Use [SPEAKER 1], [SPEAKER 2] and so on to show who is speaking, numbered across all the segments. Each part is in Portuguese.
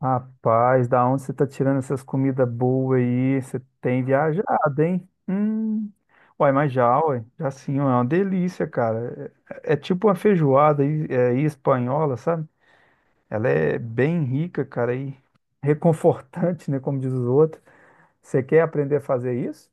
[SPEAKER 1] Rapaz, da onde você tá tirando essas comidas boas aí? Você tem viajado, hein? Hum. Uai, mas já, uai, já sim, ué, é uma delícia, cara. É tipo uma feijoada aí, é, aí espanhola, sabe? Ela é bem rica, cara, e reconfortante, né? Como diz os outros. Você quer aprender a fazer isso?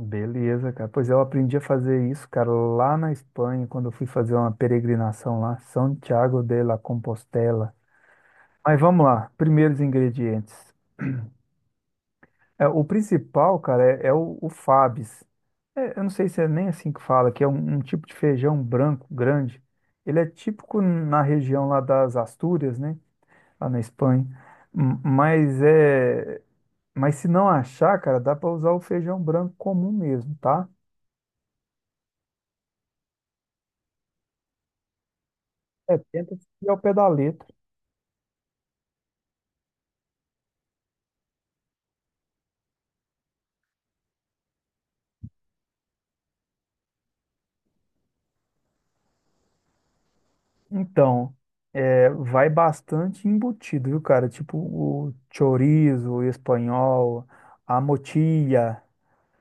[SPEAKER 1] Beleza, cara. Pois é, eu aprendi a fazer isso, cara, lá na Espanha, quando eu fui fazer uma peregrinação lá, Santiago de la Compostela. Mas vamos lá, primeiros ingredientes. É, o principal, cara, é o Fabs. É, eu não sei se é nem assim que fala, que é um tipo de feijão branco grande. Ele é típico na região lá das Astúrias, né? Lá na Espanha. Mas é, mas se não achar, cara, dá para usar o feijão branco comum mesmo, tá? É, tenta seguir ao pé da letra. Então, é, vai bastante embutido, viu, cara? Tipo o chorizo espanhol, a motilla.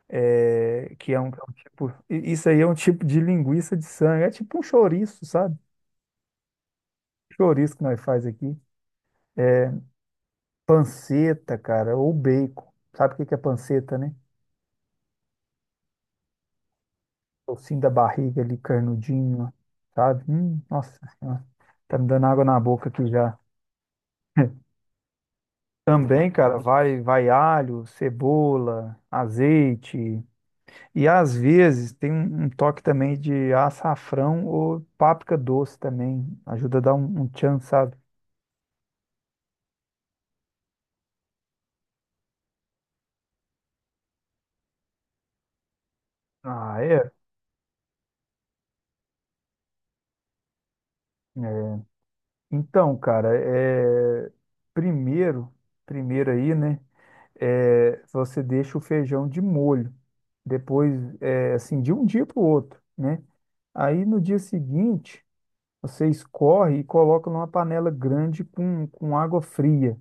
[SPEAKER 1] É, que é um tipo, isso aí é um tipo de linguiça de sangue, é tipo um chouriço, sabe? Chouriço que nós faz aqui. Panceta, cara, ou bacon. Sabe o que que é panceta, né? Tocinho da barriga ali, carnudinho, ó, sabe? Nossa senhora, tá me dando água na boca aqui já. Também, cara, vai alho, cebola, azeite. E às vezes tem um toque também de açafrão ou páprica doce também. Ajuda a dar um tchan, sabe? Ah, é? É. Então, cara, primeiro, primeiro aí, né? Você deixa o feijão de molho, depois, é, assim, de um dia para o outro, né? Aí no dia seguinte, você escorre e coloca numa panela grande com água fria.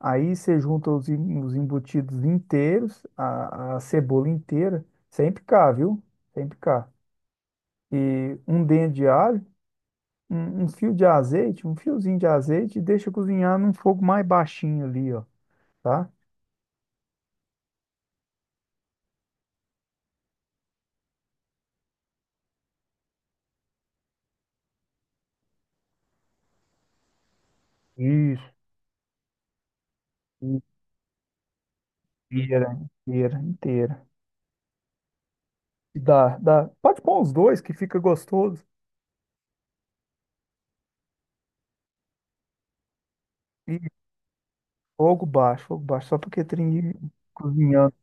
[SPEAKER 1] Aí você junta os embutidos inteiros, a cebola inteira, sem picar, viu? Sem picar. E um dente de alho. Um fio de azeite, um fiozinho de azeite, e deixa cozinhar num fogo mais baixinho ali, ó, tá? Isso. Inteira, inteira, inteira. E dá, dá. Pode pôr os dois que fica gostoso. E fogo baixo, só porque tem cozinhando.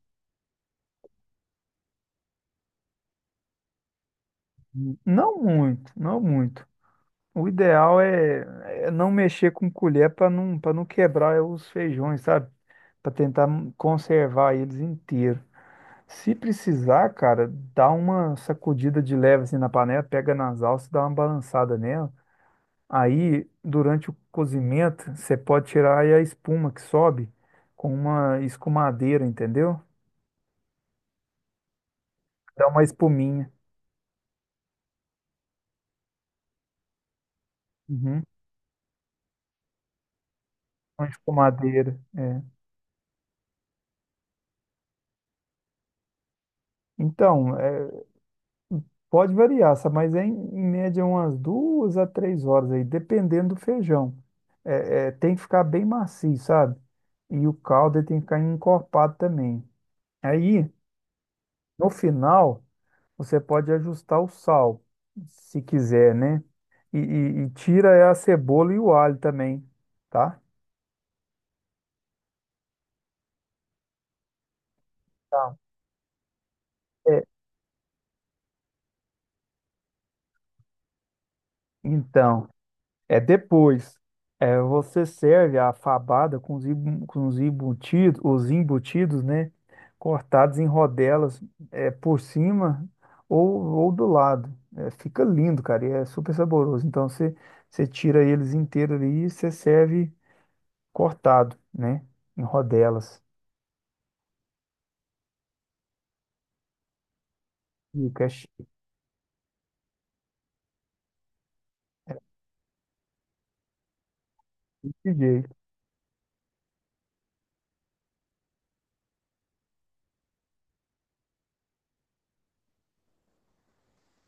[SPEAKER 1] Não muito, não muito. O ideal é não mexer com colher para não quebrar os feijões, sabe? Para tentar conservar eles inteiros. Se precisar, cara, dá uma sacudida de leve assim na panela, pega nas alças, dá uma balançada nela. Aí, durante o cozimento, você pode tirar aí a espuma que sobe com uma escumadeira, entendeu? Dá uma espuminha. Uhum. Uma escumadeira. É. Então, é, pode variar, sabe? Mas é em média umas 2 a 3 horas aí, dependendo do feijão. É, tem que ficar bem macio, sabe? E o caldo ele tem que ficar encorpado também. Aí. No final, você pode ajustar o sal, se quiser, né? E tira a cebola e o alho também, tá? Tá. É, então, é depois. É, você serve a fabada com os, embu- com os embutidos, né? Cortados em rodelas, é, por cima ou do lado. É, fica lindo, cara, e é super saboroso. Então, você tira eles inteiros ali e você serve cortado, né? Em rodelas. E o cash DJ.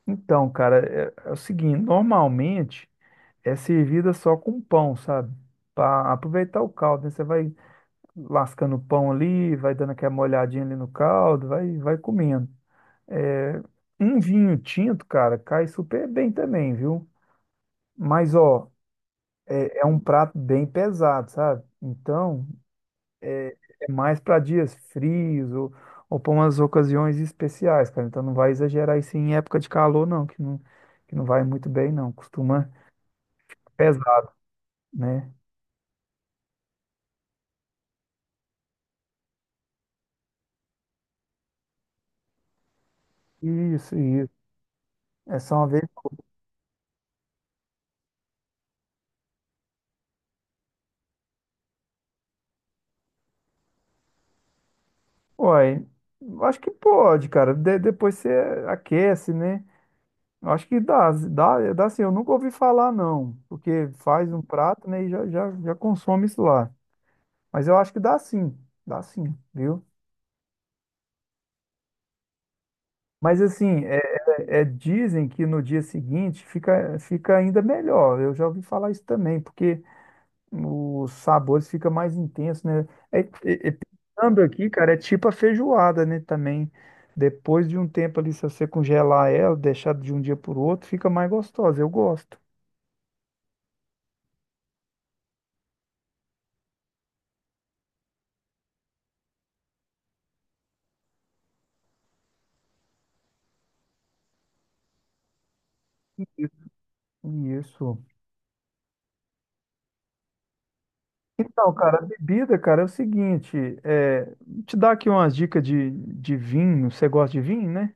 [SPEAKER 1] Então, cara, é o seguinte, normalmente é servida só com pão, sabe? Para aproveitar o caldo, né? Você vai lascando o pão ali, vai dando aquela molhadinha ali no caldo, vai, vai comendo. É, um vinho tinto, cara, cai super bem também, viu? Mas, ó, é um prato bem pesado, sabe? Então, é mais para dias frios ou para umas ocasiões especiais, cara. Então não vai exagerar isso em época de calor, não, que não vai muito bem, não. Costuma pesar, né? Isso, isso. É só uma vez. Uai, eu acho que pode, cara. Depois você aquece, né? Eu acho que dá, dá, dá assim. Eu nunca ouvi falar, não, porque faz um prato, né, e já consome isso lá. Mas eu acho que dá sim, viu? Mas assim, dizem que no dia seguinte fica ainda melhor. Eu já ouvi falar isso também, porque os sabores ficam mais intensos, né? É, é- é- Pensando aqui, cara, é tipo a feijoada, né? Também, depois de um tempo ali, se você congelar ela, deixar de um dia para o outro, fica mais gostosa. Eu gosto. Isso. Então, cara, a bebida, cara, é o seguinte, é, te dar aqui umas dicas de vinho. Você gosta de vinho, né?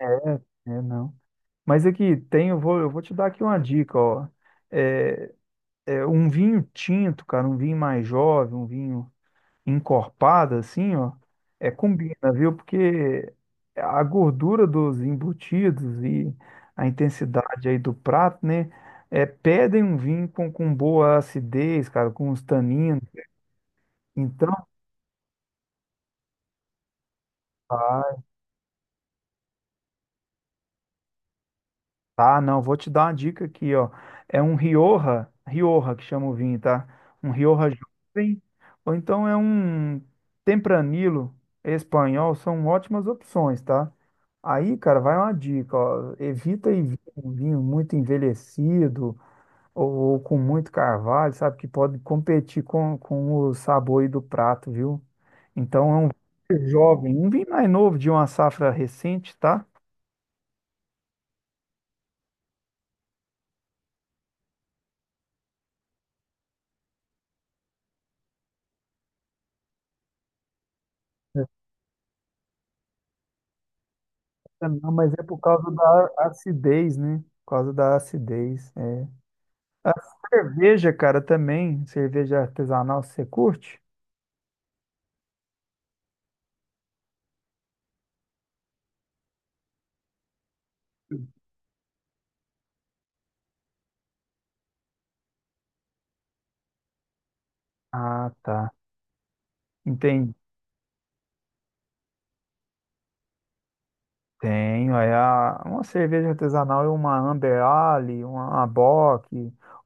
[SPEAKER 1] É, é, não. Mas aqui tem, eu vou te dar aqui uma dica, ó. É, é um vinho tinto, cara, um vinho mais jovem, um vinho encorpado, assim, ó, é combina, viu? Porque a gordura dos embutidos e a intensidade aí do prato, né, é, pedem um vinho com boa acidez, cara, com os taninos. Então, tá. Tá, não, vou te dar uma dica aqui, ó. É um Rioja, Rioja que chama o vinho, tá? Um Rioja jovem, ou então é um Tempranilo espanhol, são ótimas opções, tá? Aí, cara, vai uma dica, ó. Evita um vinho muito envelhecido ou, ou com muito carvalho, sabe? Que pode competir com o sabor aí do prato, viu? Então é um vinho jovem, um vinho mais novo de uma safra recente, tá? É, não, mas é por causa da acidez, né? Por causa da acidez. É. A cerveja, cara, também. Cerveja artesanal, você curte? Ah, tá. Entendi. Tenho, uma cerveja artesanal e uma Amber Ale, uma Bock,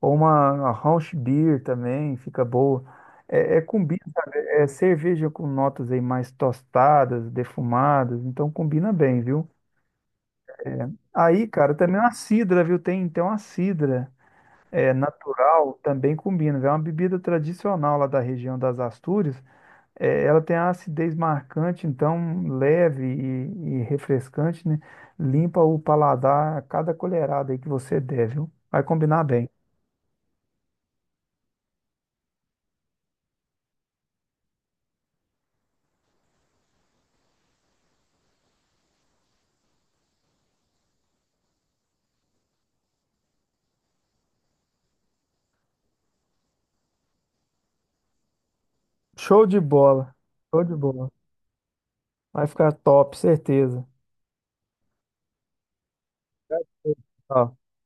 [SPEAKER 1] ou uma Rausch Beer também, fica boa. É combina, sabe? É cerveja com notas aí mais tostadas, defumadas, então combina bem, viu? Aí, cara, também uma cidra, viu? Tem uma cidra. É, natural também combina, viu? É uma bebida tradicional lá da região das Astúrias. É, ela tem a acidez marcante, então leve e refrescante, né? Limpa o paladar a cada colherada aí que você der, viu? Vai combinar bem. Show de bola. Show de bola. Vai ficar top, certeza. Ó.